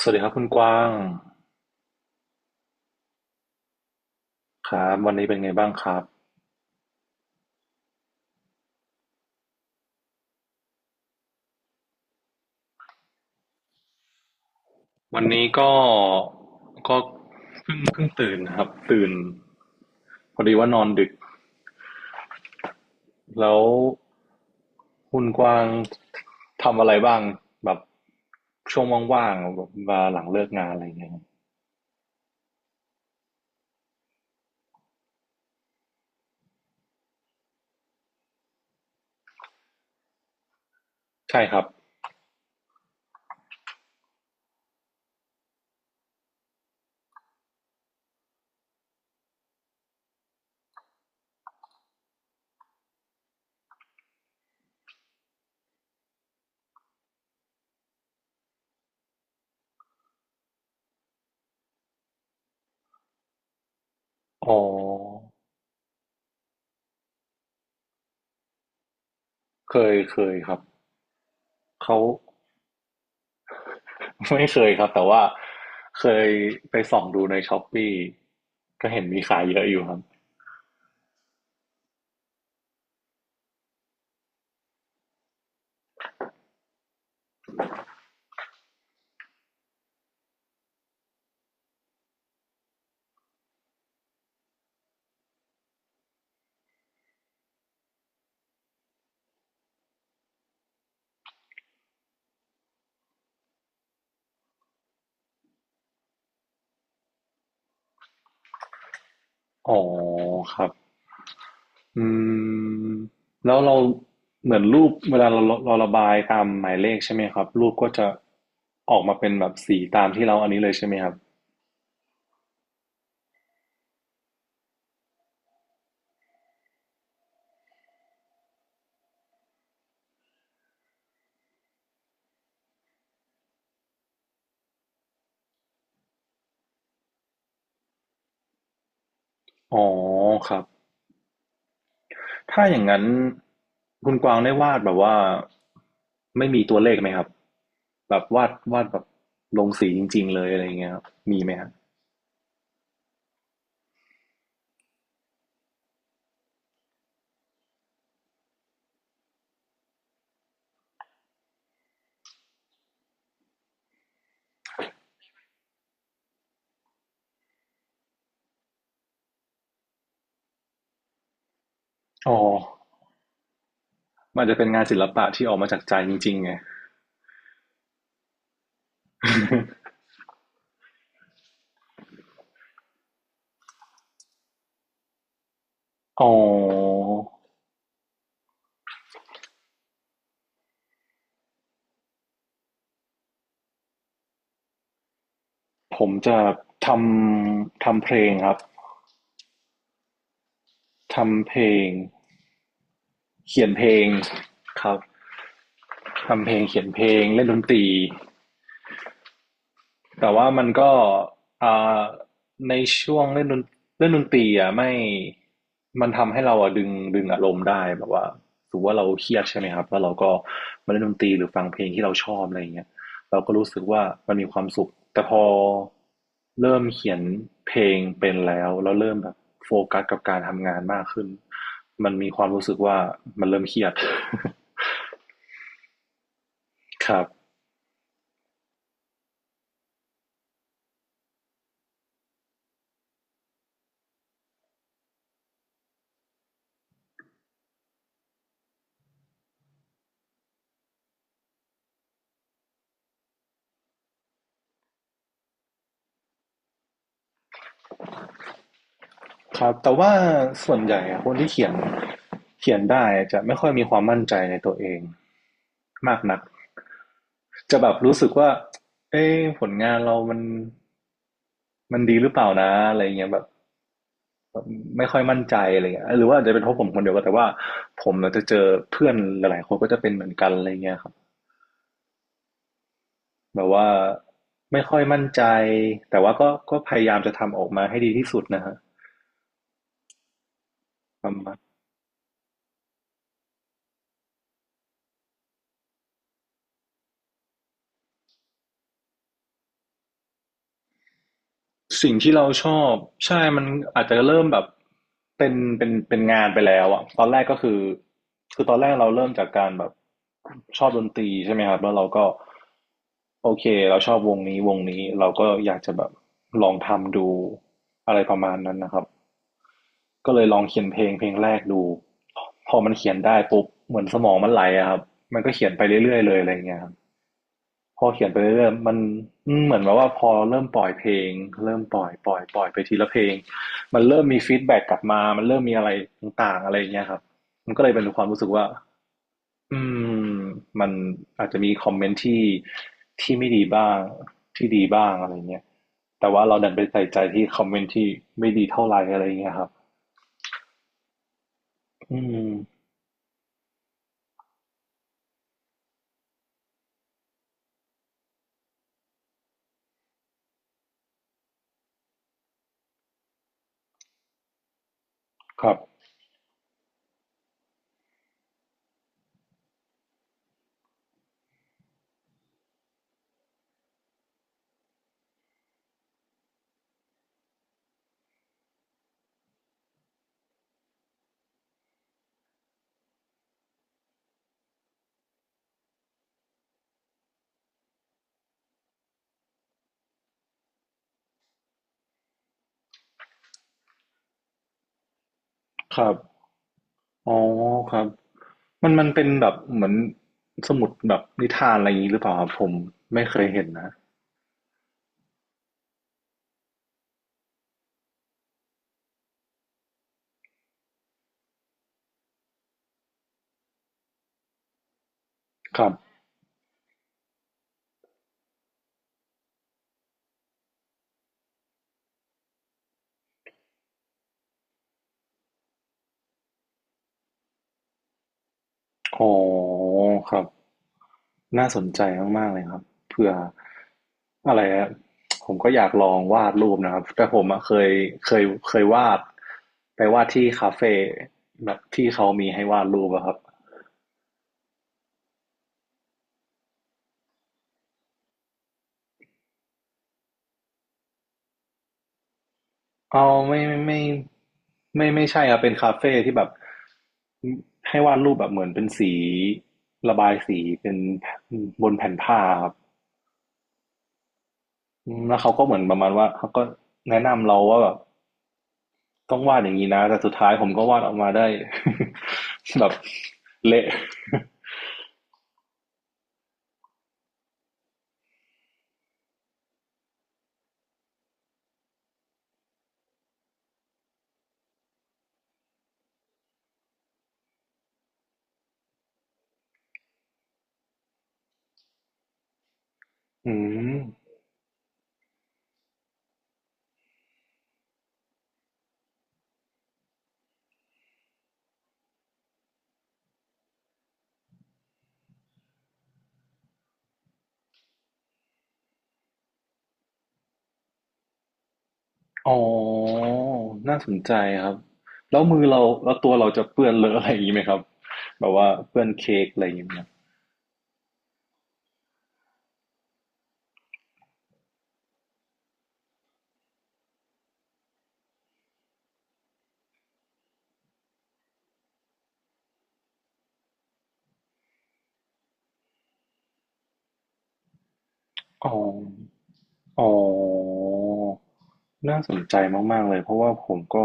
สวัสดีครับคุณกว้างครับวันนี้เป็นไงบ้างครับวันนี้ก็ก็เพิ่งตื่นนะครับตื่นพอดีว่านอนดึกแล้วคุณกว้างทำอะไรบ้างแบบช่วงว่างๆแบบมาหลังเลิกงานอะไรอย่างเงี้ยครับใช่ครับอ๋อเคยครับเขาไม่เคยครับแต่ว่าเคยไปส่องดูในช้อปปี้ก็เห็นมีขายเยอะอยู่ครับอ๋อครับ อืมแล้วเราเหมือนรูปเวลาเราระบายตามหมายเลขใช่ไหมครับรูปก็จะออกมาเป็นแบบสีตามที่เราอันนี้เลยใช่ไหมครับอ๋อครับถ้าอย่างนั้นคุณกวางได้วาดแบบว่าไม่มีตัวเลขไหมครับแบบวาดแบบลงสีจริงๆเลยอะไรอย่างเงี้ยครับมีไหมครับอ๋อมันจะเป็นงานศิลปะที่ออกมาจากใจจริงๆไง อ๋อผมจะททำเพลงครับทำเพลง เขียนเพลงครับทำเพลงเขียนเพลงเล่นดนตรีแต่ว่ามันก็อ่าในช่วงเล่นดนตรีอ่ะไม่มันทำให้เราอ่ะดึงอารมณ์ได้แบบว่าถือว่าเราเครียดใช่ไหมครับแล้วเราก็มาเล่นดนตรีหรือฟังเพลงที่เราชอบอะไรอย่างเงี้ยเราก็รู้สึกว่ามันมีความสุขแต่พอเริ่มเขียนเพลงเป็นแล้วแล้วเริ่มแบบโฟกัสกับการทำงานมากขึ้นมันมีความรู้สึกว่ามันเริ่มเครียด ครับ ครับแต่ว่าส่วนใหญ่อะคนที่เขียนเขียนได้จะไม่ค่อยมีความมั่นใจในตัวเองมากนักจะแบบรู้สึกว่าเอ้ผลงานเรามันมันดีหรือเปล่านะอะไรเงี้ยแบบไม่ค่อยมั่นใจอะไรเงี้ยหรือว่าอาจจะเป็นเพราะผมคนเดียวก็แต่ว่าผมเราจะเจอเพื่อนหลายๆคนก็จะเป็นเหมือนกันอะไรเงี้ยครับแบบว่าไม่ค่อยมั่นใจแต่ว่าก็ก็พยายามจะทำออกมาให้ดีที่สุดนะฮะประมาณ สิ่งที่เราชอบใช่มันอาจจะเริ่มแบบเป็นงานไปแล้วอะตอนแรกก็คือคือตอนแรกเราเริ่มจากการแบบชอบดนตรีใช่ไหมครับแล้วเราก็โอเคเราชอบวงนี้เราก็อยากจะแบบลองทำดูอะไรประมาณนั้นนะครับก็เลยลองเขียนเพลงเพลงแรกดูพอมันเขียนได้ปุ๊บเหมือนสมองมันไหลอะครับมันก็เขียนไปเรื่อยๆเลยอะไรเงี้ยครับ พอเขียนไปเรื่อยๆมันเหมือนแบบว่าพอเริ่มปล่อยเพลงเริ่มปล่อยไปทีละเพลงมันเริ่มมีฟีดแบ็กกลับมามันเริ่มมีอะไรต่างๆอะไรอย่างเงี้ยครับมันก็เลยเป็นความรู้สึกว่าอืมมันอาจจะมีคอมเมนต์ที่ไม่ดีบ้างที่ดีบ้างอะไรเงี้ยแต่ว่าเราดันไปใส่ใจที่คอมเมนต์ที่ไม่ดีเท่าไหร่อะไรเงี้ยครับอืมครับครับ อ๋อครับมันเป็นแบบเหมือนสมุดแบบนิทานอะไรอย่างนี้หรือเปล่าครับผมไม่เคยเห็นนะครับอ๋อครับน่าสนใจมากๆเลยครับเผื่ออะไรอะผมก็อยากลองวาดรูปนะครับแต่ผมอะเคยวาดไปวาดที่คาเฟ่แบบที่เขามีให้วาดรูปอะครับ เอไม่ไม่ไม่ไม่ไม่ใช่ครับเป็นคาเฟ่ที่แบบให้วาดรูปแบบเหมือนเป็นสีระบายสีเป็นบนแผ่นผ้าครับอืมแล้วเขาก็เหมือนประมาณว่าเขาก็แนะนำเราว่าแบบต้องวาดอย่างนี้นะแต่สุดท้ายผมก็วาดออกมาได้ แบบเละอืมอ๋อน่าสนใจครับแล้วมือเราแล้วตัวเราจะเปื้อนเลอะอะไรอย่างนี้ไหมครับแบบว่าเปื้อนเค้กอะไรอย่างเงี้ยไหมครับอ๋ออ๋อ น่าสนใจมากๆเลยเพราะว่าผมก็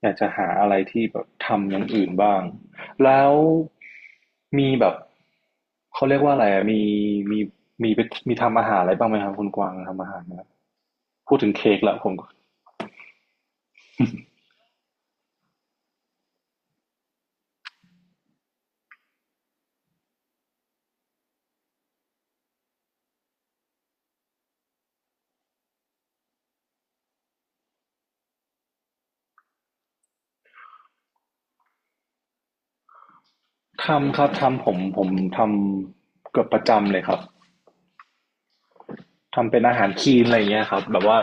อยากจะหาอะไรที่แบบทำอย่างอื่นบ้างแล้วมีแบบเขาเรียกว่าอะไรอะมีมีมีไปมีทำอาหารอะไรบ้างไหมครับคุณกวางทำอาหารนะครับพูดถึงเค้กละผมทำครับทำผมทำเกือบประจำเลยครับ ทำเป็นอาหารคลีนอะไรอย่างเงี้ยครับแบบว่า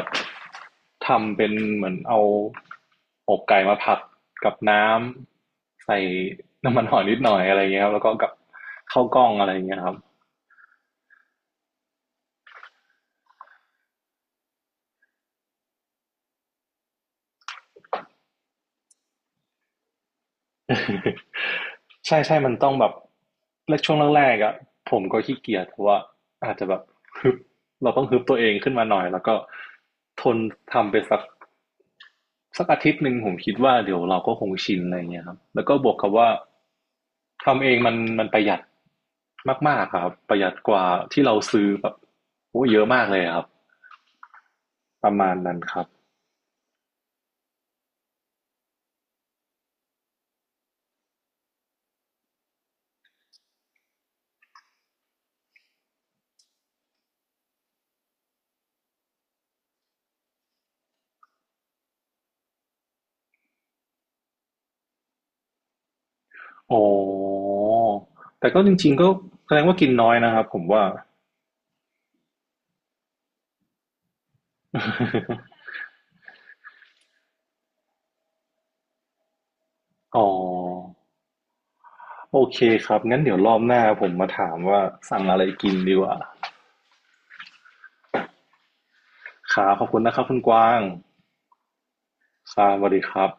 ทำเป็นเหมือนเอาอกไก่มาผัดกับน้ำใส่น้ำมันหอยนิดหน่อยอะไรเงี้ยครับแล้วก็กับข้าวกล้องอะไรเงี้ยครับ ใช่ใช่มันต้องแบบแรกช่วงแรกๆอ่ะผมก็ขี้เกียจเพราะว่าอาจจะแบบฮึบเราต้องฮึบตัวเองขึ้นมาหน่อยแล้วก็ทนทำไปสัก สักอาทิตย์หนึ่งผมคิดว่าเดี๋ยวเราก็คงชินอะไรเงี้ยครับแล้วก็บวกกับว่าทำเองมันประหยัดมากๆครับประหยัดกว่าที่เราซื้อแบบโอ้เยอะมากเลยครับประมาณนั้นครับอ๋อแต่ก็จริงๆก็แสดงว่ากินน้อยนะครับผมว่า อ๋อโอเคครับงั้นเดี๋ยวรอบหน้าผมมาถามว่าสั่งอะไรกินดีกว่าครับขอบคุณนะครับคุณกวางครับสวัสดีครับ